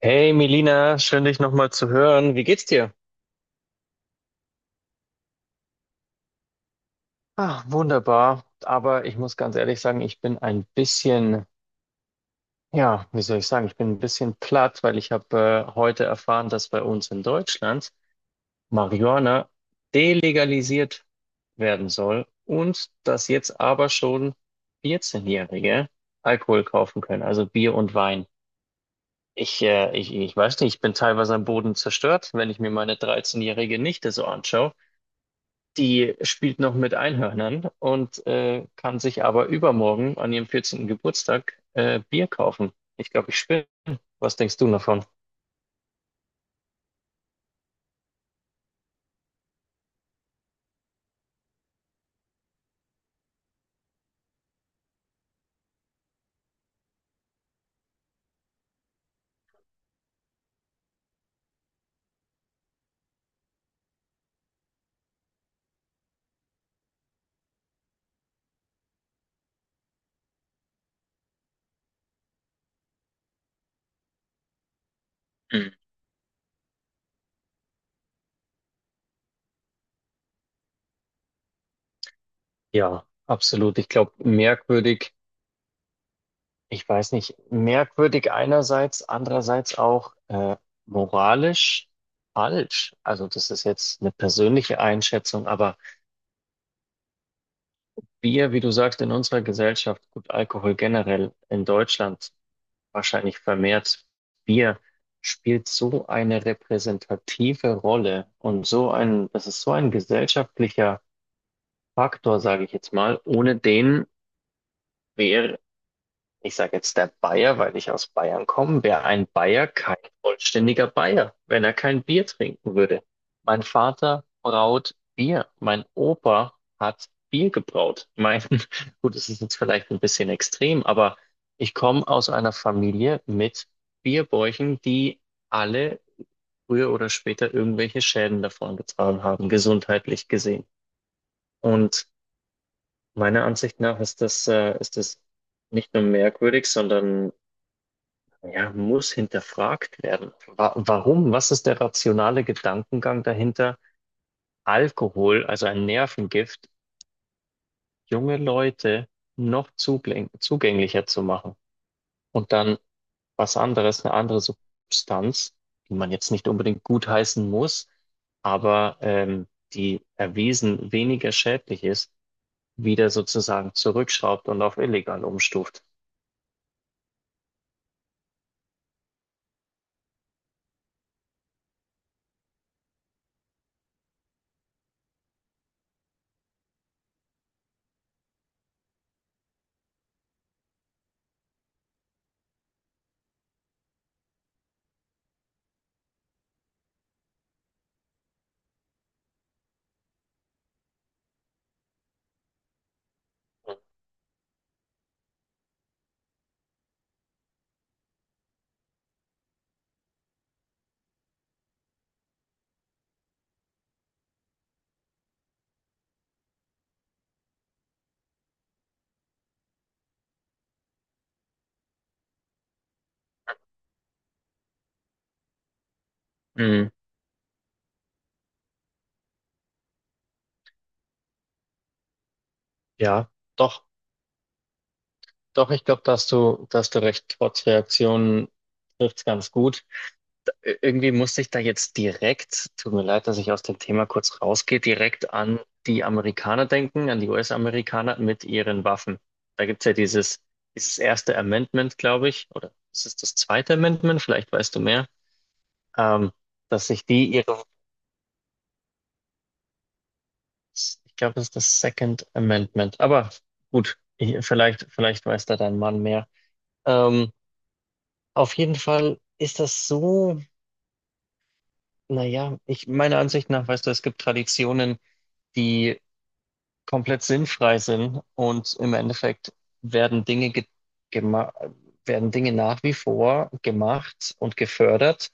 Hey Melina, schön dich nochmal zu hören. Wie geht's dir? Ah, wunderbar. Aber ich muss ganz ehrlich sagen, ich bin ein bisschen, ja, wie soll ich sagen, ich bin ein bisschen platt, weil ich habe heute erfahren, dass bei uns in Deutschland Marihuana delegalisiert werden soll und dass jetzt aber schon 14-Jährige Alkohol kaufen können, also Bier und Wein. Ich weiß nicht, ich bin teilweise am Boden zerstört, wenn ich mir meine 13-jährige Nichte so anschaue. Die spielt noch mit Einhörnern und kann sich aber übermorgen an ihrem 14. Geburtstag Bier kaufen. Ich glaube, ich spinne. Was denkst du davon? Hm. Ja, absolut. Ich glaube, merkwürdig, ich weiß nicht, merkwürdig einerseits, andererseits auch moralisch falsch. Also das ist jetzt eine persönliche Einschätzung, aber wir, wie du sagst, in unserer Gesellschaft, gut, Alkohol generell in Deutschland wahrscheinlich vermehrt Bier, spielt so eine repräsentative Rolle und so ein, das ist so ein gesellschaftlicher Faktor, sage ich jetzt mal, ohne den wäre ich sage jetzt der Bayer, weil ich aus Bayern komme. Wäre ein Bayer kein vollständiger Bayer, wenn er kein Bier trinken würde. Mein Vater braut Bier. Mein Opa hat Bier gebraut. Mein, gut, das ist jetzt vielleicht ein bisschen extrem, aber ich komme aus einer Familie mit Bierbäuchen, die alle früher oder später irgendwelche Schäden davon getragen haben, gesundheitlich gesehen. Und meiner Ansicht nach ist das nicht nur merkwürdig, sondern ja, muss hinterfragt werden. Wa warum? Was ist der rationale Gedankengang dahinter, Alkohol, also ein Nervengift, junge Leute noch zugänglicher zu machen? Und dann was anderes, eine andere Substanz, die man jetzt nicht unbedingt gutheißen muss, aber die erwiesen weniger schädlich ist, wieder sozusagen zurückschraubt und auf illegal umstuft. Mhm. Ja, doch. Doch, ich glaube, da hast du recht. Trotz Reaktionen trifft's ganz gut. Irgendwie musste ich da jetzt direkt, tut mir leid, dass ich aus dem Thema kurz rausgehe, direkt an die Amerikaner denken, an die US-Amerikaner mit ihren Waffen. Da gibt's ja dieses erste Amendment, glaube ich, oder ist es das zweite Amendment? Vielleicht weißt du mehr, ähm, dass sich die ihre, ich glaube, das ist das Second Amendment. Aber gut, ich, vielleicht weiß da dein Mann mehr. Ähm, auf jeden Fall ist das so. Naja, ich meiner Ansicht nach, weißt du, es gibt Traditionen, die komplett sinnfrei sind und im Endeffekt werden Dinge ge gema- werden Dinge nach wie vor gemacht und gefördert,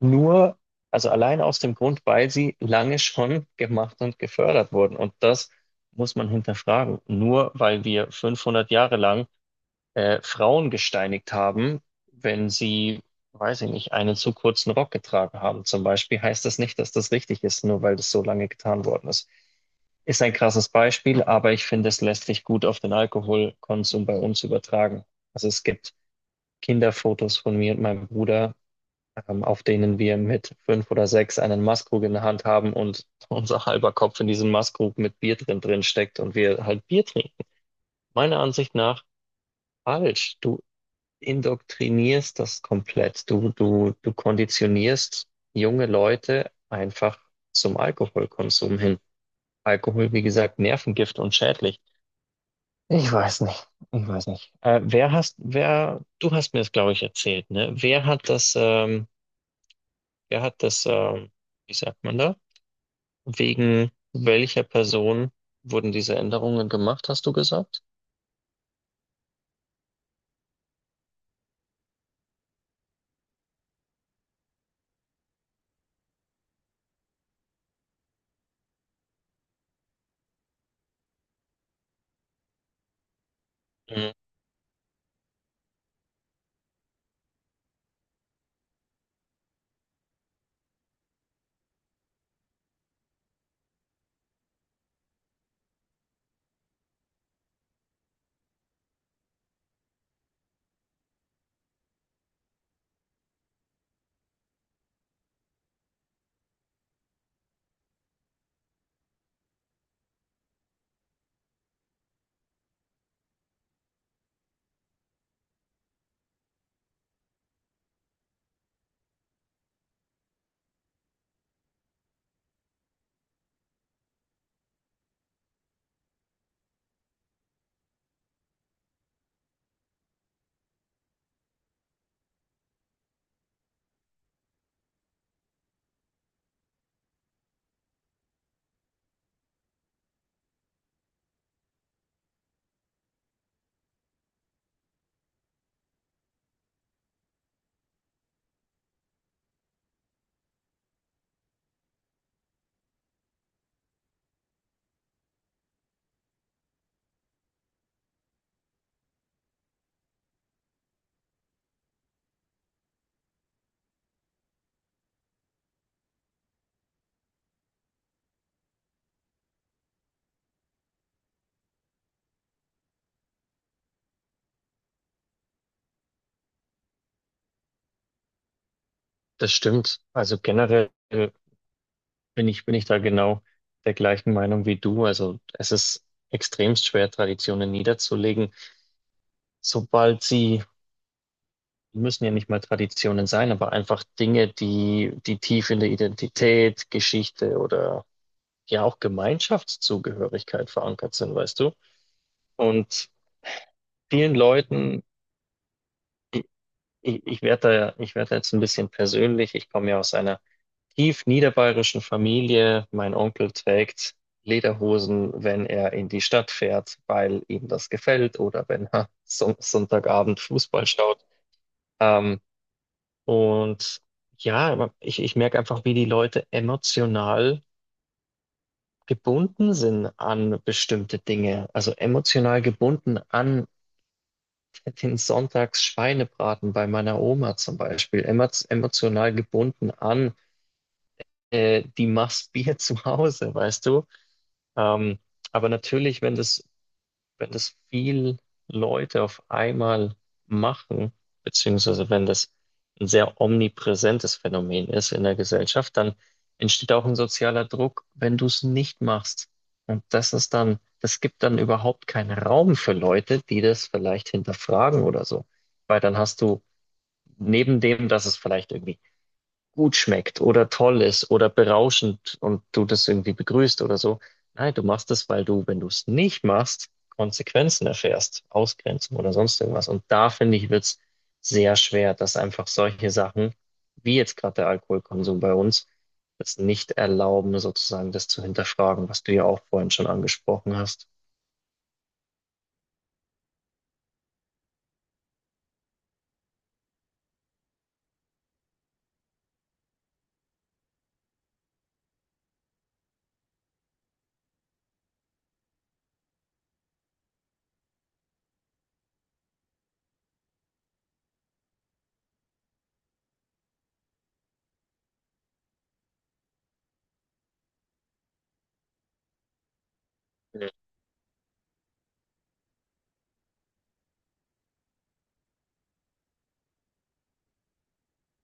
nur, also allein aus dem Grund, weil sie lange schon gemacht und gefördert wurden. Und das muss man hinterfragen. Nur weil wir 500 Jahre lang Frauen gesteinigt haben, wenn sie, weiß ich nicht, einen zu kurzen Rock getragen haben. Zum Beispiel heißt das nicht, dass das richtig ist, nur weil das so lange getan worden ist. Ist ein krasses Beispiel, aber ich finde, es lässt sich gut auf den Alkoholkonsum bei uns übertragen. Also es gibt Kinderfotos von mir und meinem Bruder, auf denen wir mit fünf oder sechs einen Maßkrug in der Hand haben und unser halber Kopf in diesem Maßkrug mit Bier drin steckt und wir halt Bier trinken. Meiner Ansicht nach falsch. Du indoktrinierst das komplett. Du konditionierst junge Leute einfach zum Alkoholkonsum hin. Alkohol, wie gesagt, Nervengift und schädlich. Ich weiß nicht. Ich weiß nicht. Du hast mir das, glaube ich, erzählt, ne? Wer hat das, ähm, wie sagt man da? Wegen welcher Person wurden diese Änderungen gemacht, hast du gesagt? Mhm. Das stimmt. Also generell bin ich da genau der gleichen Meinung wie du. Also es ist extremst schwer, Traditionen niederzulegen, sobald sie, müssen ja nicht mal Traditionen sein, aber einfach Dinge, die tief in der Identität, Geschichte oder ja auch Gemeinschaftszugehörigkeit verankert sind, weißt du? Und vielen Leuten, ich, ich werde jetzt ein bisschen persönlich, ich komme ja aus einer tief niederbayerischen Familie. Mein Onkel trägt Lederhosen, wenn er in die Stadt fährt, weil ihm das gefällt oder wenn er Sonntagabend Fußball schaut. Ähm, und ja, ich merke einfach, wie die Leute emotional gebunden sind an bestimmte Dinge. Also emotional gebunden an den Sonntagsschweinebraten bei meiner Oma zum Beispiel. Emotional gebunden an die Maß Bier zu Hause, weißt du? Ähm, aber natürlich, wenn das, viel Leute auf einmal machen, beziehungsweise wenn das ein sehr omnipräsentes Phänomen ist in der Gesellschaft, dann entsteht auch ein sozialer Druck, wenn du es nicht machst. Und das ist dann, das gibt dann überhaupt keinen Raum für Leute, die das vielleicht hinterfragen oder so. Weil dann hast du neben dem, dass es vielleicht irgendwie gut schmeckt oder toll ist oder berauschend und du das irgendwie begrüßt oder so. Nein, du machst das weil du, wenn du es nicht machst, Konsequenzen erfährst, Ausgrenzung oder sonst irgendwas. Und da finde ich, wird's sehr schwer, dass einfach solche Sachen, wie jetzt gerade der Alkoholkonsum bei uns, das nicht erlauben, sozusagen das zu hinterfragen, was du ja auch vorhin schon angesprochen hast.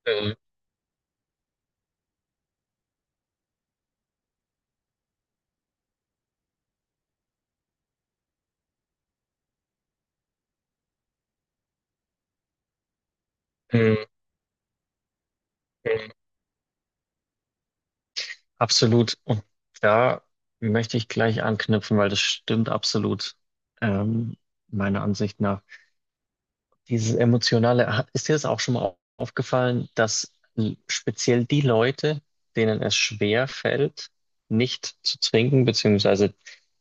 Mhm. Mhm. Absolut. Und da möchte ich gleich anknüpfen, weil das stimmt absolut, ähm, meiner Ansicht nach. Dieses Emotionale, ist dir das auch schon mal aufgefallen, dass speziell die Leute, denen es schwer fällt, nicht zu trinken, beziehungsweise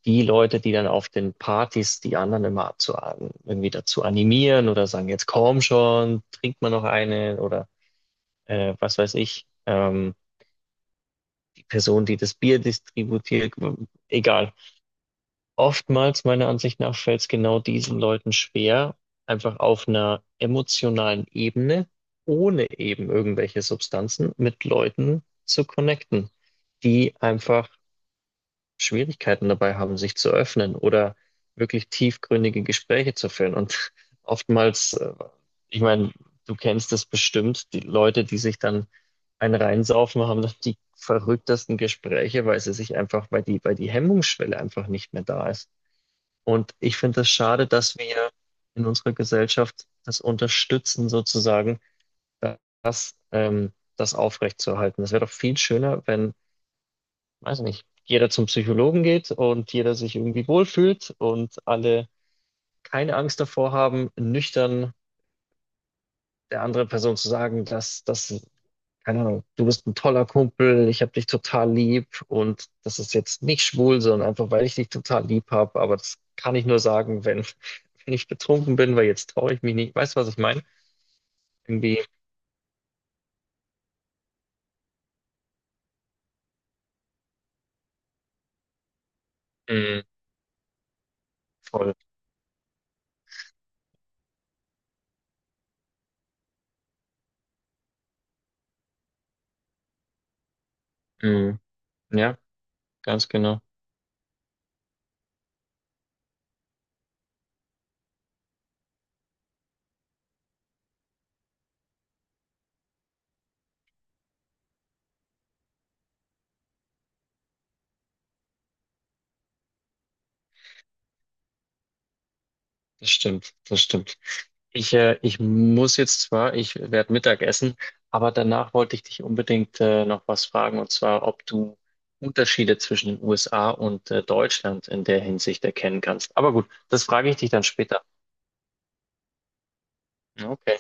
die Leute, die dann auf den Partys die anderen immer abzu irgendwie dazu animieren oder sagen, jetzt komm schon, trink mal noch eine oder was weiß ich. Person, die das Bier distributiert, egal. Oftmals, meiner Ansicht nach, fällt es genau diesen Leuten schwer, einfach auf einer emotionalen Ebene, ohne eben irgendwelche Substanzen, mit Leuten zu connecten, die einfach Schwierigkeiten dabei haben, sich zu öffnen oder wirklich tiefgründige Gespräche zu führen. Und oftmals, ich meine, du kennst es bestimmt, die Leute, die sich dann einen reinsaufen, haben dann die verrücktesten Gespräche, weil sie sich einfach, weil die Hemmungsschwelle einfach nicht mehr da ist. Und ich finde es schade, dass wir in unserer Gesellschaft das unterstützen, sozusagen, das aufrechtzuerhalten. Es wäre doch viel schöner, wenn weiß nicht, jeder zum Psychologen geht und jeder sich irgendwie wohlfühlt und alle keine Angst davor haben, nüchtern der anderen Person zu sagen, dass das, keine Ahnung, du bist ein toller Kumpel, ich habe dich total lieb und das ist jetzt nicht schwul, sondern einfach, weil ich dich total lieb habe, aber das kann ich nur sagen, wenn, wenn ich betrunken bin, weil jetzt traue ich mich nicht. Weißt du, was ich meine? Irgendwie, mm, voll. Mm, ja, ganz genau. Das stimmt, das stimmt. Ich muss jetzt zwar, ich werde Mittag essen, aber danach wollte ich dich unbedingt noch was fragen, und zwar, ob du Unterschiede zwischen den USA und Deutschland in der Hinsicht erkennen kannst. Aber gut, das frage ich dich dann später. Okay.